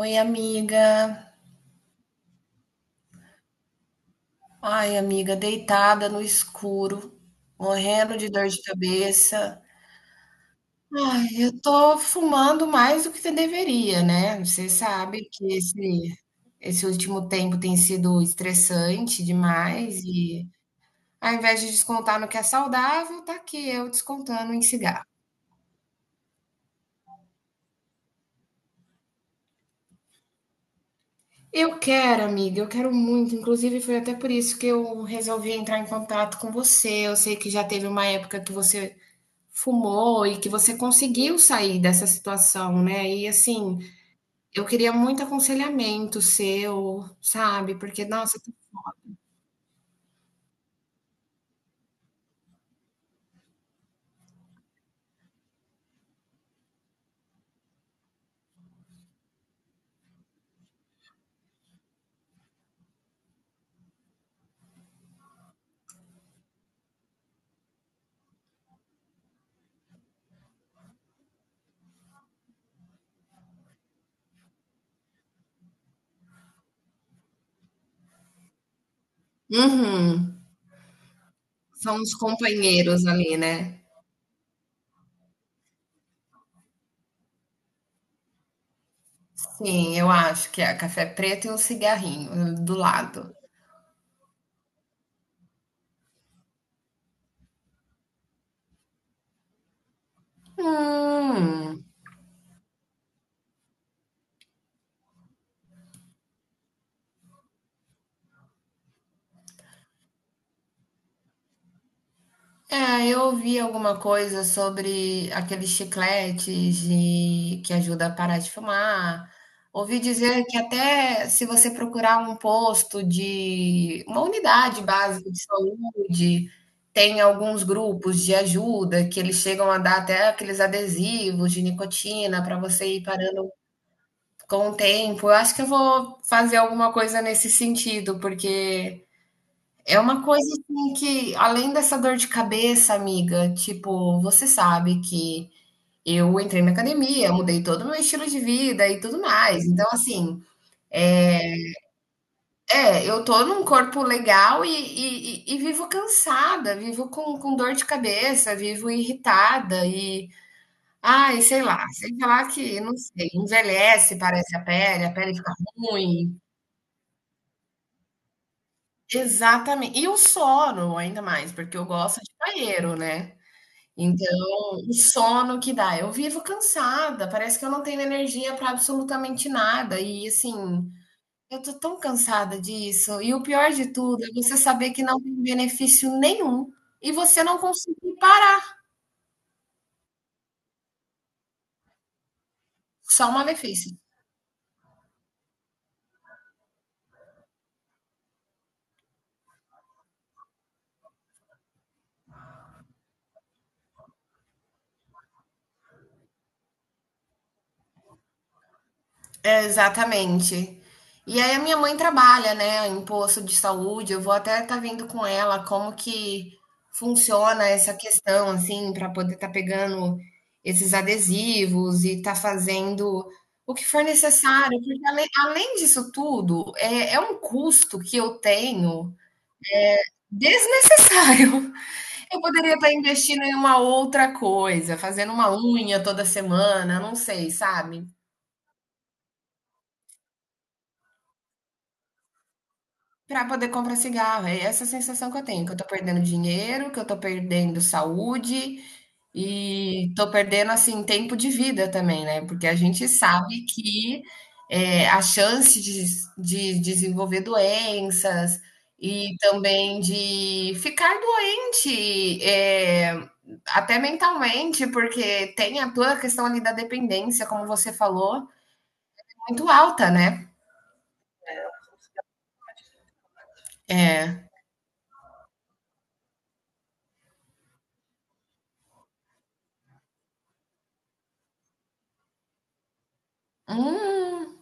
Oi, amiga. Ai, amiga, deitada no escuro, morrendo de dor de cabeça. Ai, eu tô fumando mais do que deveria, né? Você sabe que esse último tempo tem sido estressante demais e ao invés de descontar no que é saudável, tá aqui eu descontando em cigarro. Eu quero, amiga, eu quero muito. Inclusive, foi até por isso que eu resolvi entrar em contato com você. Eu sei que já teve uma época que você fumou e que você conseguiu sair dessa situação, né. E assim, eu queria muito aconselhamento seu, sabe, porque nossa. Uhum. São os companheiros ali, né. Sim, eu acho que é café preto e um cigarrinho do lado. Hum. É, eu ouvi alguma coisa sobre aqueles que ajuda a parar de fumar. Ouvi dizer que até se você procurar um posto de uma unidade básica de saúde, tem alguns grupos de ajuda que eles chegam a dar até aqueles adesivos de nicotina para você ir parando com o tempo. Eu acho que eu vou fazer alguma coisa nesse sentido, porque é uma coisa assim que, além dessa dor de cabeça, amiga, tipo, você sabe que eu entrei na academia, mudei todo o meu estilo de vida e tudo mais. Então, assim, é, eu tô num corpo legal e, e vivo cansada, vivo com dor de cabeça, vivo irritada e, ai, sei lá que, não sei, envelhece, parece a pele fica ruim. Exatamente. E o sono, ainda mais, porque eu gosto de banheiro, né? Então, o sono que dá. Eu vivo cansada, parece que eu não tenho energia para absolutamente nada. E assim, eu tô tão cansada disso. E o pior de tudo é você saber que não tem benefício nenhum e você não conseguir parar, só um malefício. É, exatamente. E aí a minha mãe trabalha, né, em posto de saúde. Eu vou até estar vendo com ela como que funciona essa questão, assim, para poder estar pegando esses adesivos e estar fazendo o que for necessário, porque além disso tudo, é, é um custo que eu tenho desnecessário. Eu poderia estar investindo em uma outra coisa, fazendo uma unha toda semana, não sei, sabe? Para poder comprar cigarro. É essa a sensação que eu tenho, que eu tô perdendo dinheiro, que eu tô perdendo saúde e tô perdendo assim tempo de vida também, né? Porque a gente sabe que é, a chance de desenvolver doenças e também de ficar doente, é, até mentalmente, porque tem a toda a questão ali da dependência, como você falou, muito alta, né? É. Hum,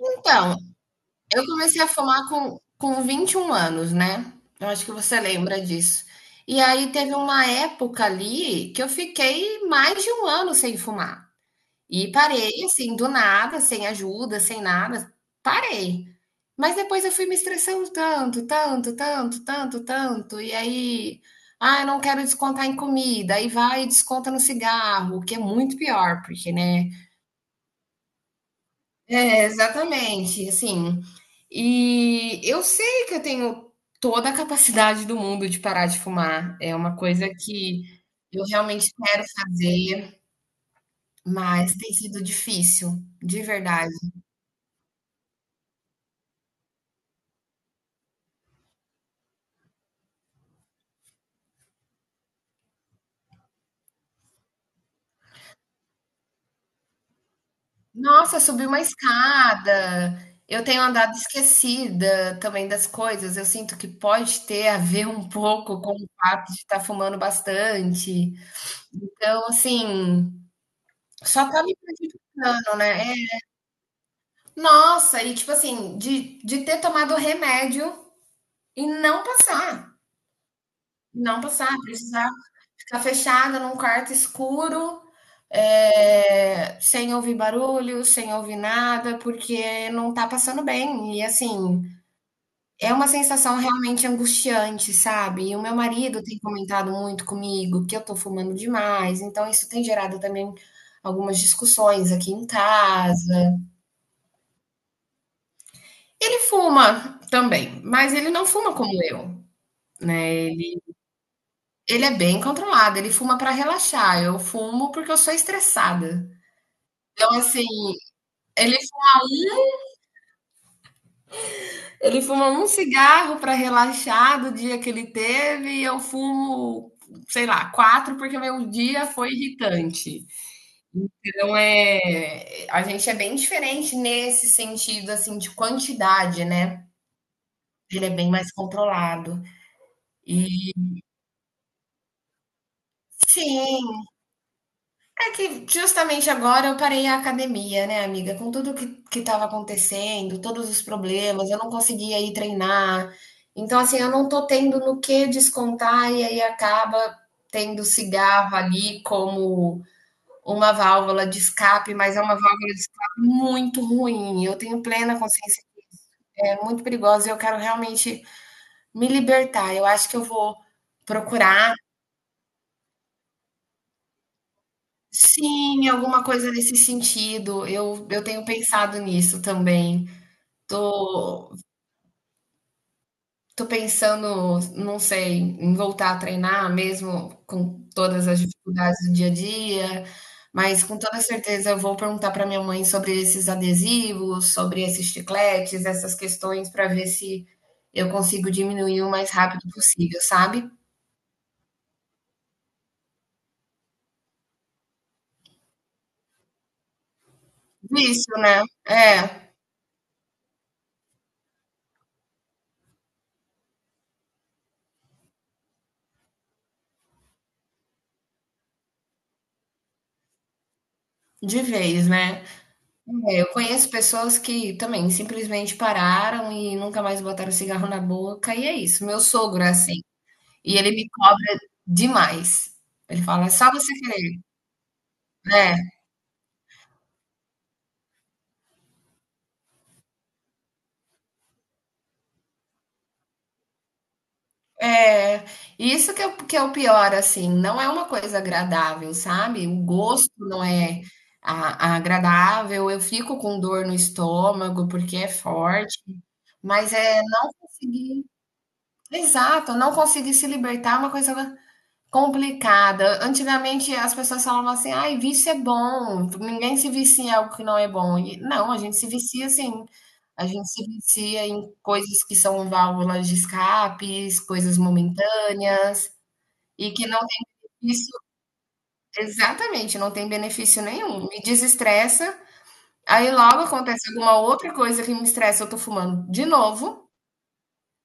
então, eu comecei a fumar com 21 anos, né? Eu acho que você lembra disso. E aí teve uma época ali que eu fiquei mais de um ano sem fumar. E parei, assim, do nada, sem ajuda, sem nada. Parei. Mas depois eu fui me estressando tanto, tanto, tanto, tanto, tanto. E aí, ah, eu não quero descontar em comida. Aí vai e desconta no cigarro, o que é muito pior, porque, né? É, exatamente, assim. E eu sei que eu tenho toda a capacidade do mundo de parar de fumar. É uma coisa que eu realmente quero fazer, mas tem sido difícil, de verdade. Nossa, subir uma escada. Eu tenho andado esquecida também das coisas. Eu sinto que pode ter a ver um pouco com o fato de estar fumando bastante. Então, assim, só tá me prejudicando, né? Nossa, e tipo assim, de ter tomado remédio e não passar, não passar, precisar ficar fechada num quarto escuro, eh, sem ouvir barulho, sem ouvir nada, porque não tá passando bem. E assim, é uma sensação realmente angustiante, sabe. E o meu marido tem comentado muito comigo que eu tô fumando demais, então isso tem gerado também algumas discussões aqui em casa. Ele fuma também, mas ele não fuma como eu. Né, ele é bem controlado, ele fuma pra relaxar, eu fumo porque eu sou estressada. Então, assim, ele ele fuma um cigarro pra relaxar do dia que ele teve e eu fumo, sei lá, 4 porque meu dia foi irritante. Então é a gente é bem diferente nesse sentido, assim, de quantidade, né, ele é bem mais controlado. E sim. É que justamente agora eu parei a academia, né, amiga? Com tudo que estava acontecendo, todos os problemas, eu não conseguia ir treinar. Então, assim, eu não tô tendo no que descontar e aí acaba tendo cigarro ali como uma válvula de escape, mas é uma válvula de escape muito ruim. Eu tenho plena consciência que é muito perigosa e eu quero realmente me libertar. Eu acho que eu vou procurar. Sim, alguma coisa nesse sentido. Eu tenho pensado nisso também. Tô tô pensando, não sei, em voltar a treinar mesmo com todas as dificuldades do dia a dia, mas com toda certeza eu vou perguntar para minha mãe sobre esses adesivos, sobre esses chicletes, essas questões para ver se eu consigo diminuir o mais rápido possível, sabe? Vício, né? É, de vez, né? É, eu conheço pessoas que também simplesmente pararam e nunca mais botaram cigarro na boca, e é isso. Meu sogro é assim, e ele me cobra demais. Ele fala: "É só você querer". Né. É. Isso que é o pior, assim, não é uma coisa agradável, sabe. O gosto não é a agradável, eu fico com dor no estômago, porque é forte, mas, é não conseguir exato, não conseguir se libertar é uma coisa complicada. Antigamente as pessoas falavam assim: "Ai, vício é bom, ninguém se vicia em algo que não é bom". E não, a gente se vicia sim. A gente se vicia em coisas que são válvulas de escapes, coisas momentâneas e que não tem isso exatamente, não tem benefício nenhum. Me desestressa, aí logo acontece alguma outra coisa que me estressa, eu tô fumando de novo.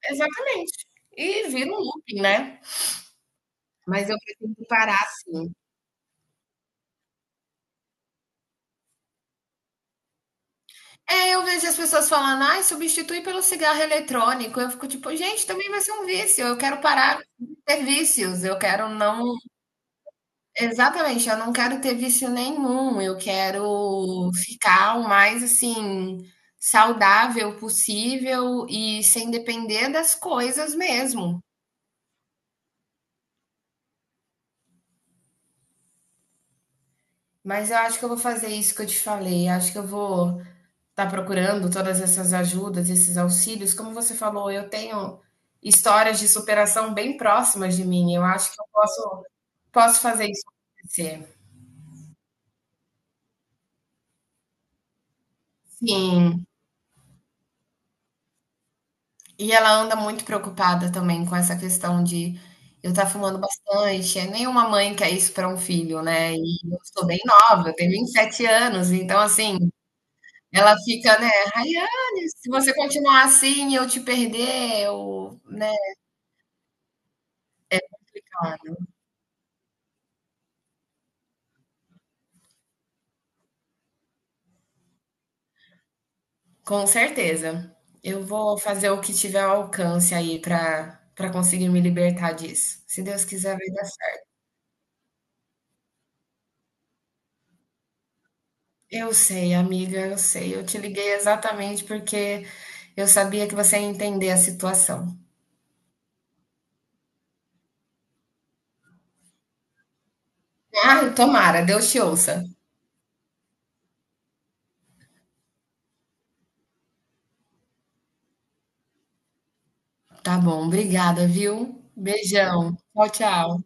Exatamente. E vira um looping, né. Mas eu pretendo parar sim. É, eu vejo as pessoas falando, ai, substitui pelo cigarro eletrônico. Eu fico tipo, gente, também vai ser um vício. Eu quero parar de ter vícios. Eu quero não. Exatamente, eu não quero ter vício nenhum. Eu quero ficar o mais assim, saudável possível e sem depender das coisas mesmo. Mas eu acho que eu vou fazer isso que eu te falei. Acho que eu vou está procurando todas essas ajudas, esses auxílios. Como você falou, eu tenho histórias de superação bem próximas de mim. Eu acho que eu posso, posso fazer isso acontecer. Sim. E ela anda muito preocupada também com essa questão de eu estar fumando bastante. É nenhuma mãe quer isso para um filho, né? E eu sou bem nova, eu tenho 27 anos, então assim, ela fica, né, Rayane, se você continuar assim, eu te perder, eu, né? Com certeza. Eu vou fazer o que tiver ao alcance aí para conseguir me libertar disso. Se Deus quiser, vai dar certo. Eu sei, amiga, eu sei. Eu te liguei exatamente porque eu sabia que você ia entender a situação. Ai, tomara, Deus te ouça. Tá bom, obrigada, viu? Beijão. Tchau, tchau.